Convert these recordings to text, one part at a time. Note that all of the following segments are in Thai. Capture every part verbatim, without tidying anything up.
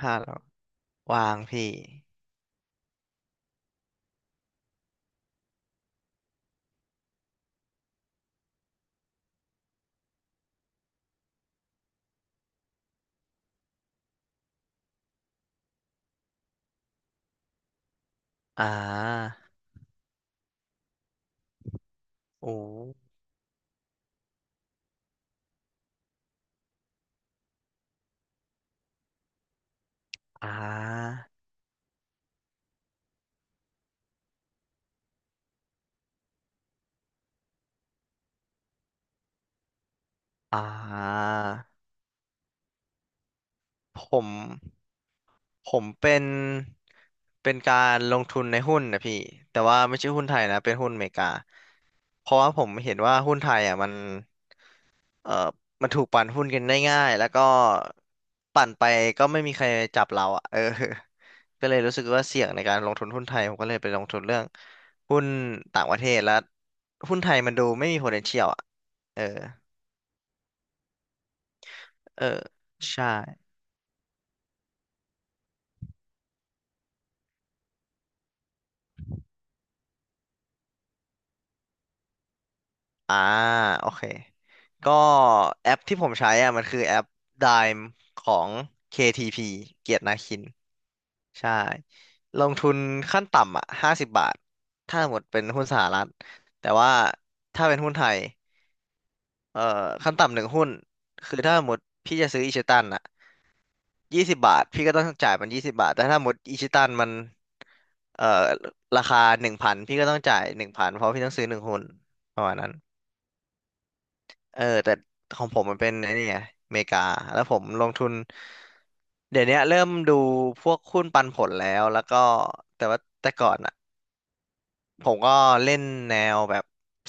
ห้าแล้ววางพี่อ่าโอ้อ่าอ่าผม ผมเป็น เป็นการลงทุนในหุ้นนะพี่ แต่ว่าไม่ใช่หุ้นไทยนะ เป็นหุ้นอเมริกา เพราะว่าผมเห็นว่าหุ้นไทยอ่ะมัน เอ่อมันถูกปั่นหุ้นกันได้ง่ายแล้วก็ปั่นไปก็ไม่มีใครจับเราอ่ะ เออ ก็เลยรู้สึกว่าเสี่ยงในการลงทุนหุ้นไทย ผมก็เลยไปลงทุนเรื่องหุ้นต่างประเทศแล้วหุ้นไทยมันดูไม่มี potential อ่ะเออ เออ ใช่ อ่าโอเค ก็แอปที่ผมใช้อ่ะมันคือแอป Dime ของ เค ที พี เกียรตินาคิน ใช่ลงทุนขั้นต่ำอ่ะห้าสิบบาทถ้าหมดเป็นหุ้นสหรัฐแต่ว่าถ้าเป็นหุ้นไทยเอ่อขั้นต่ำหนึ่งหุ้นคือถ้าหมดพี่จะซื้ออิชิตันอ่ะยี่สิบบาทพี่ก็ต้องจ่ายมันยี่สิบบาทแต่ถ้าหมดอิชิตันมันเอ่อราคาหนึ่งพันพี่ก็ต้องจ่ายหนึ่งพันเพราะพี่ต้องซื้อหนึ่งหุ้นประมาณนั้นเออแต่ของผมมันเป็นไอ้นี่ไงอเมริกาแล้วผมลงทุนเดี๋ยวเนี้ยเริ่มดูพวกหุ้นปันผลแล้วแล้วก็แต่ว่าแต่ก่อนอะ ผมก็เล่นแนวแบบ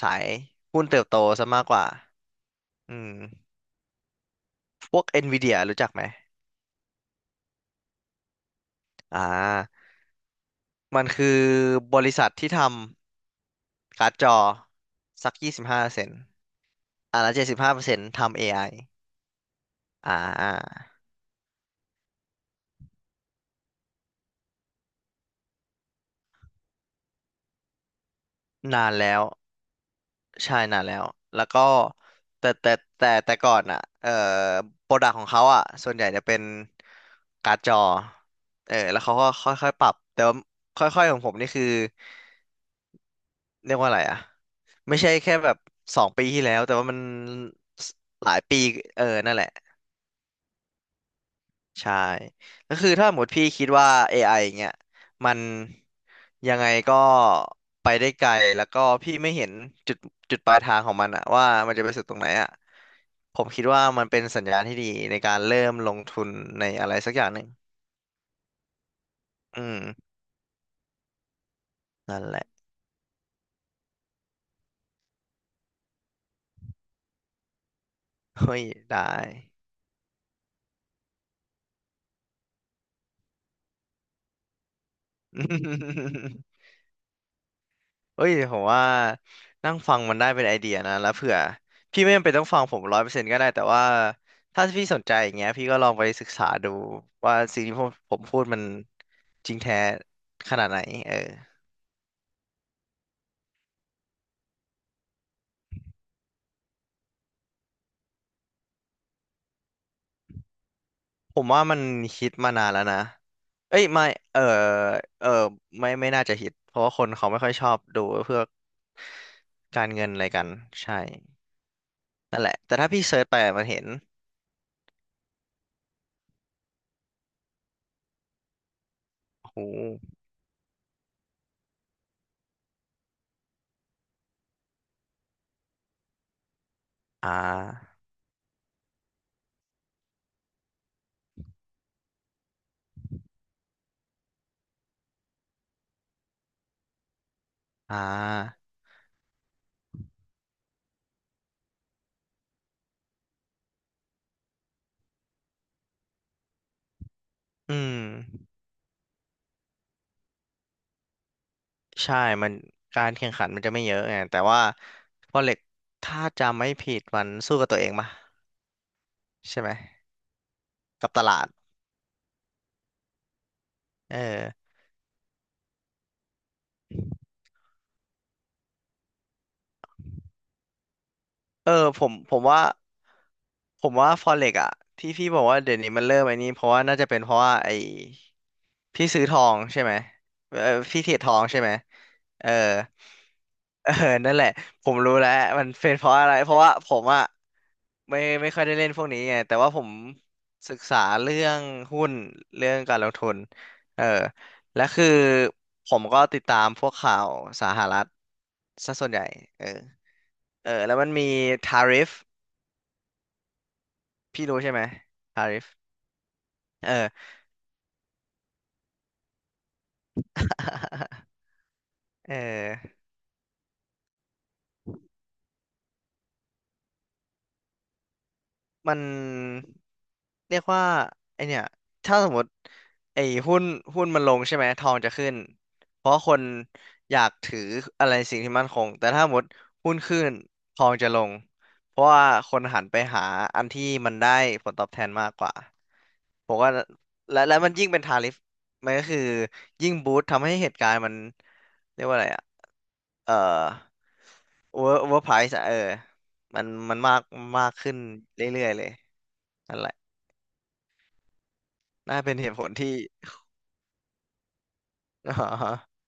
สายหุ้นเติบโตซะมากกว่า อืม พวก NVIDIA รู้จักไหม อ่ามันคือบริษัทที่ทำการ์ดจอสักยี่สิบห้าเปอร์เซ็นต์อ่าแล้วเจ็ดสิบห้าเปอร์เซ็นต์ทำ เอ ไอ อไออ่านานแล้ว ใช่นานแล้ว แล้วก็แต่แต่แต่แต่ก่อนอ่ะเอ่อโปรดักของเขาอ่ะส่วนใหญ่จะเป็นการ์ดจอเออแล้วเขาก็ค่อยๆปรับ แต่ว่าค่อยๆของผมนี่คือ เรียกว่าอะไรอ่ะไม่ใช่แค่แบบสองปีที่แล้วแต่ว่ามันหลายปีเออนั่นแหละใช่ก็คือถ้าหมดพี่คิดว่า เอ ไอ อไออย่างเงี้ยมันยังไงก็ไปได้ไกลแล้วก็พี่ไม่เห็นจุดจุดปลายทางของมันอะว่ามันจะไปสุดตรงไหนอะผมคิดว่ามันเป็นสัญญาณที่ดีในการเริ่มลงทุนในอะไรสักอย่างหนึ่งอืมนั่นแหละเฮ้ยได้ เอ้ยผมว่านั่งฟังมันได้เป็นไอเดียนะแล้วเผื่อพี่ไม่จำเป็นต้องฟังผมร้อยเปอร์เซ็นต์ก็ได้แต่ว่าถ้าพี่สนใจอย่างเงี้ยพี่ก็ลองไปศึกษาดูว่าสิ่งที่ผมผมพูดมันจริงแท้ขนาดไหนเออผมว่ามันฮิตมานานแล้วนะเอ้ยไม่เออเออไม่ไม่น่าจะฮิตเพราะว่าคนเขาไม่ค่อยชอบดูเพื่อการเงินอะไรกันใช่นั่นแหละแต่ถ้าพี่เซิร์ชไปอะมันเห็นโอ้โหอ่าอ่าอืม ใช่มันการแข่งขันมันจะไม่เยอะไงแต่ว่าพอเหล็กถ้าจำไม่ผิดมันสู้กับตัวเองปะใช่ไหมกับตลาดเออเออผมผมว่าผมว่าฟอเร็กอะที่พี่บอกว่าเดี๋ยวนี้มันเริ่มไอ้นี้เพราะว่าน่าจะเป็นเพราะว่าไอ้พี่ซื้อทองใช่ไหมเออพี่เทรดทองใช่ไหมเออเออนั่นแหละผมรู้แล้วมันเป็นเพราะอะไรเพราะว่าผมอะ ไม่ไม่ค่อยได้เล่นพวกนี้ไงแต่ว่าผมศึกษาเรื่องหุ้นเรื่องการลงทุนเออและคือผมก็ติดตามพวกข่าวสหรัฐซะส่วนใหญ่เออเออแล้วมันมีทาริฟพี่รู้ใช่ไหมทาริฟเออ เออ มันเรียกว่าไอเนี่ยถ้าสมมติไอหุ้นหุ้นมันลงใช่ไหมทองจะขึ้นเพราะคนอยากถืออะไรสิ่งที่มั่นคงแต่ถ้าสมมติหุ้นขึ้นทองจะลงเพราะว่าคนหันไปหาอันที่มันได้ผลตอบแทนมากกว่าผมว่าและและมันยิ่งเป็นทาริฟมันก็คือยิ่งบูสต์ทำให้เหตุการณ์มันเรียกว่าอะไรอะเอ่อ over overprice อะเออมันมันมากมากขึ้นเรื่อยๆเลย นั่นแหละน่าเป็นเหตุผลที่ อ๋อ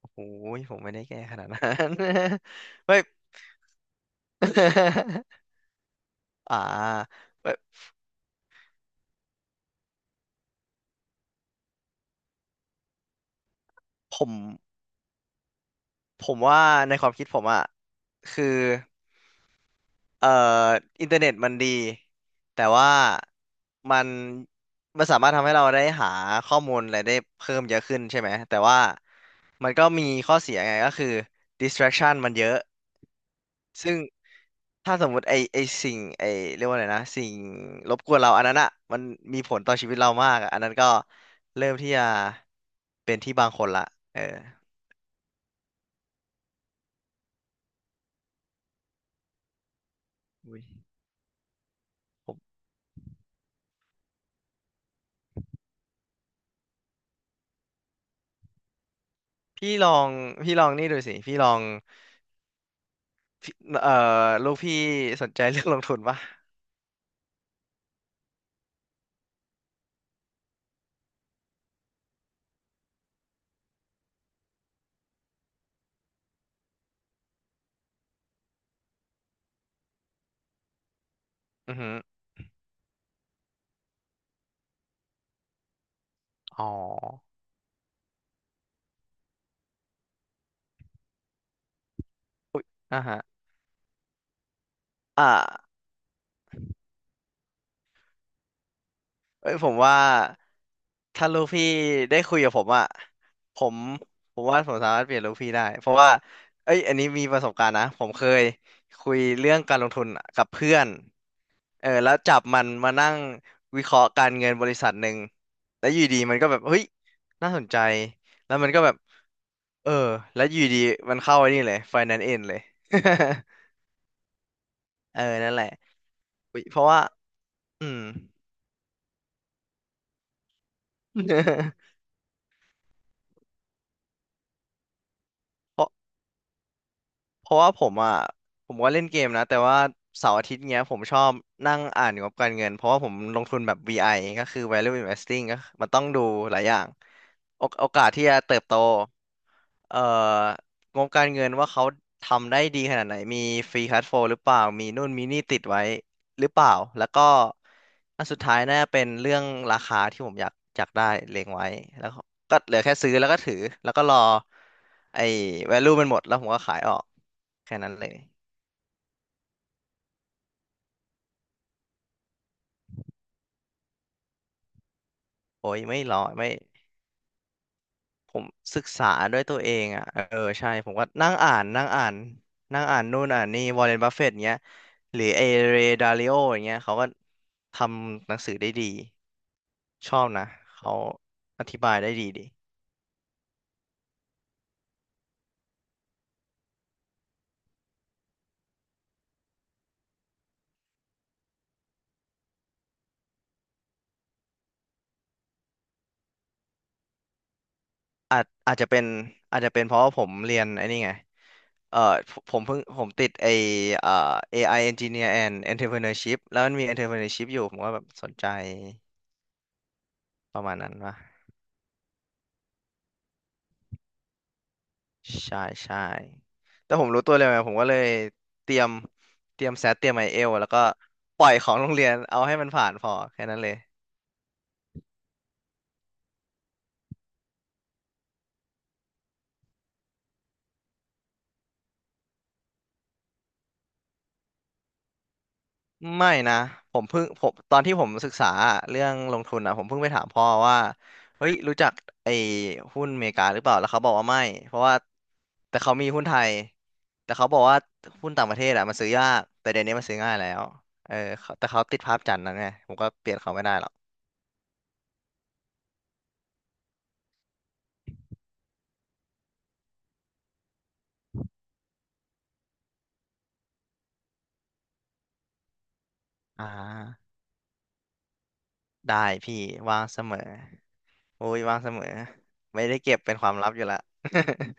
โอ้โหผมไม่ได้แก้ขนาดนั้น เฮ้ย อ่าเอ้ยผม ผมว่าในความคิดผมอ่ะคือเอ่ออินเทอร์เน็ตมันดี แต่ว่ามันมันสามารถทำให้เราได้หาข้อมูลอะไรได้เพิ่มเยอะขึ้นใช่ไหม แต่ว่ามันก็มีข้อเสียไงก็คือ distraction มันเยอะ ซึ่งถ้าสมมุติไอไอสิ่งไอเรียกว่าอะไรนะสิ่งรบกวนเราอันนั้นอ่ะมันมีผลต่อชีวิตเรามากอะอันนั้นก็เริ่มที่จะเป็นที่บางคนละเอออุ๊ยผมพี่ลองพี่ลองนี่ดูสิพี่ลองพี่เอ่อลูกพี่สนใจเรื่องลงทุนปะอือหืออ๋ออุ๊ยอ่าฮะอ่า เอ้ยผมว่าถ้าลูกพี่ได้คุยกับผมอะผมผมว่าผมสามารถเปลี่ยนลูกพี่ได้เพราะว่าเอ้ยอันนี้มีประสบการณ์นะผมเคยคุยเรื่องการลงทุนกับเพื่อนเออแล้วจับมันมานั่งวิเคราะห์การเงินบริษัทหนึ่งแล้วอยู่ดีมันก็แบบเฮ้ยน่าสนใจแล้วมันก็แบบเออแล้วอยู่ดีมันเข้าไอ้นี่เลย finance end เลย เออนั่นแหละอุ๊ยเพราะว่าอืม เพราะ เพราะว่าผมอ่ะผมก็เล่นเกมนะแต่ว่าเสาร์อาทิตย์เงี้ยผมชอบนั่งอ่านงบการเงินเพราะว่าผมลงทุนแบบ วี ไอ ก็คือ Value Investing ก็มันต้องดูหลายอย่างโอกโอกาสที่จะเติบโตเอ่องบการเงินว่าเขาทำได้ดีขนาดไหนมีฟรีคัชโฟลหรือเปล่ามีนู่นมีนี่ติดไว้หรือเปล่าแล้วก็อันสุดท้ายน่าจะเป็นเรื่องราคาที่ผมอยากอยากได้เล็งไว้แล้ว ก็เหลือแค่ซื้อแล้วก็ถือแล้วก็รอไอ้ value มันหมดแล้วผมก็ขายออกแค่นั้นเลยโอ้ยไม่รอไม่ผมศึกษาด้วยตัวเองอ่ะเออใช่ผมก็นั่งอ่านนั่งอ่านนั่งอ่านนู่นอ่านนี่วอร์เรนบัฟเฟตต์เงี้ยหรือไอเรดาลิโออย่างเงี้ยเขาก็ทำหนังสือได้ดีชอบนะเขาอธิบายได้ดีดีอาจอาจจะเป็นอาจจะเป็นเพราะว่าผมเรียนไอ้นี่ไง เอ่อผมผมเพิ่งผมติดไอเอ่อ เอ ไอ Engineer and Entrepreneurship แล้วมันมี Entrepreneurship อยู่ผมก็แบบสนใจประมาณนั้นว่ะใช่ใช่แต่ผมรู้ตัวเลยไงผมก็เลยเตรียมเตรียมแซดเตรียมไอเอลแล้วก็ปล่อยของโรงเรียนเอาให้มันผ่านพอแค่นั้นเลย ไม่นะผมเพิ่งผมตอนที่ผมศึกษาเรื่องลงทุนอ่ะผมเพิ่งไปถามพ่อว่าเฮ้ยรู้จักไอ้หุ้นอเมริกาหรือเปล่าแล้วเขาบอกว่าไม่เพราะว่าแต่เขามีหุ้นไทยแต่เขาบอกว่าหุ้นต่างประเทศอ่ะมันซื้อยากแต่เดี๋ยวนี้มันซื้อง่ายแล้วเออเขาแต่เขาติดภาพจำนะไงผมก็เปลี่ยนเขาไม่ได้หรอกอ่าได้พี่ว่างเสมอโอ้ยว่างเสมอไม่ได้เก็บเป็นความลับอยู่ละ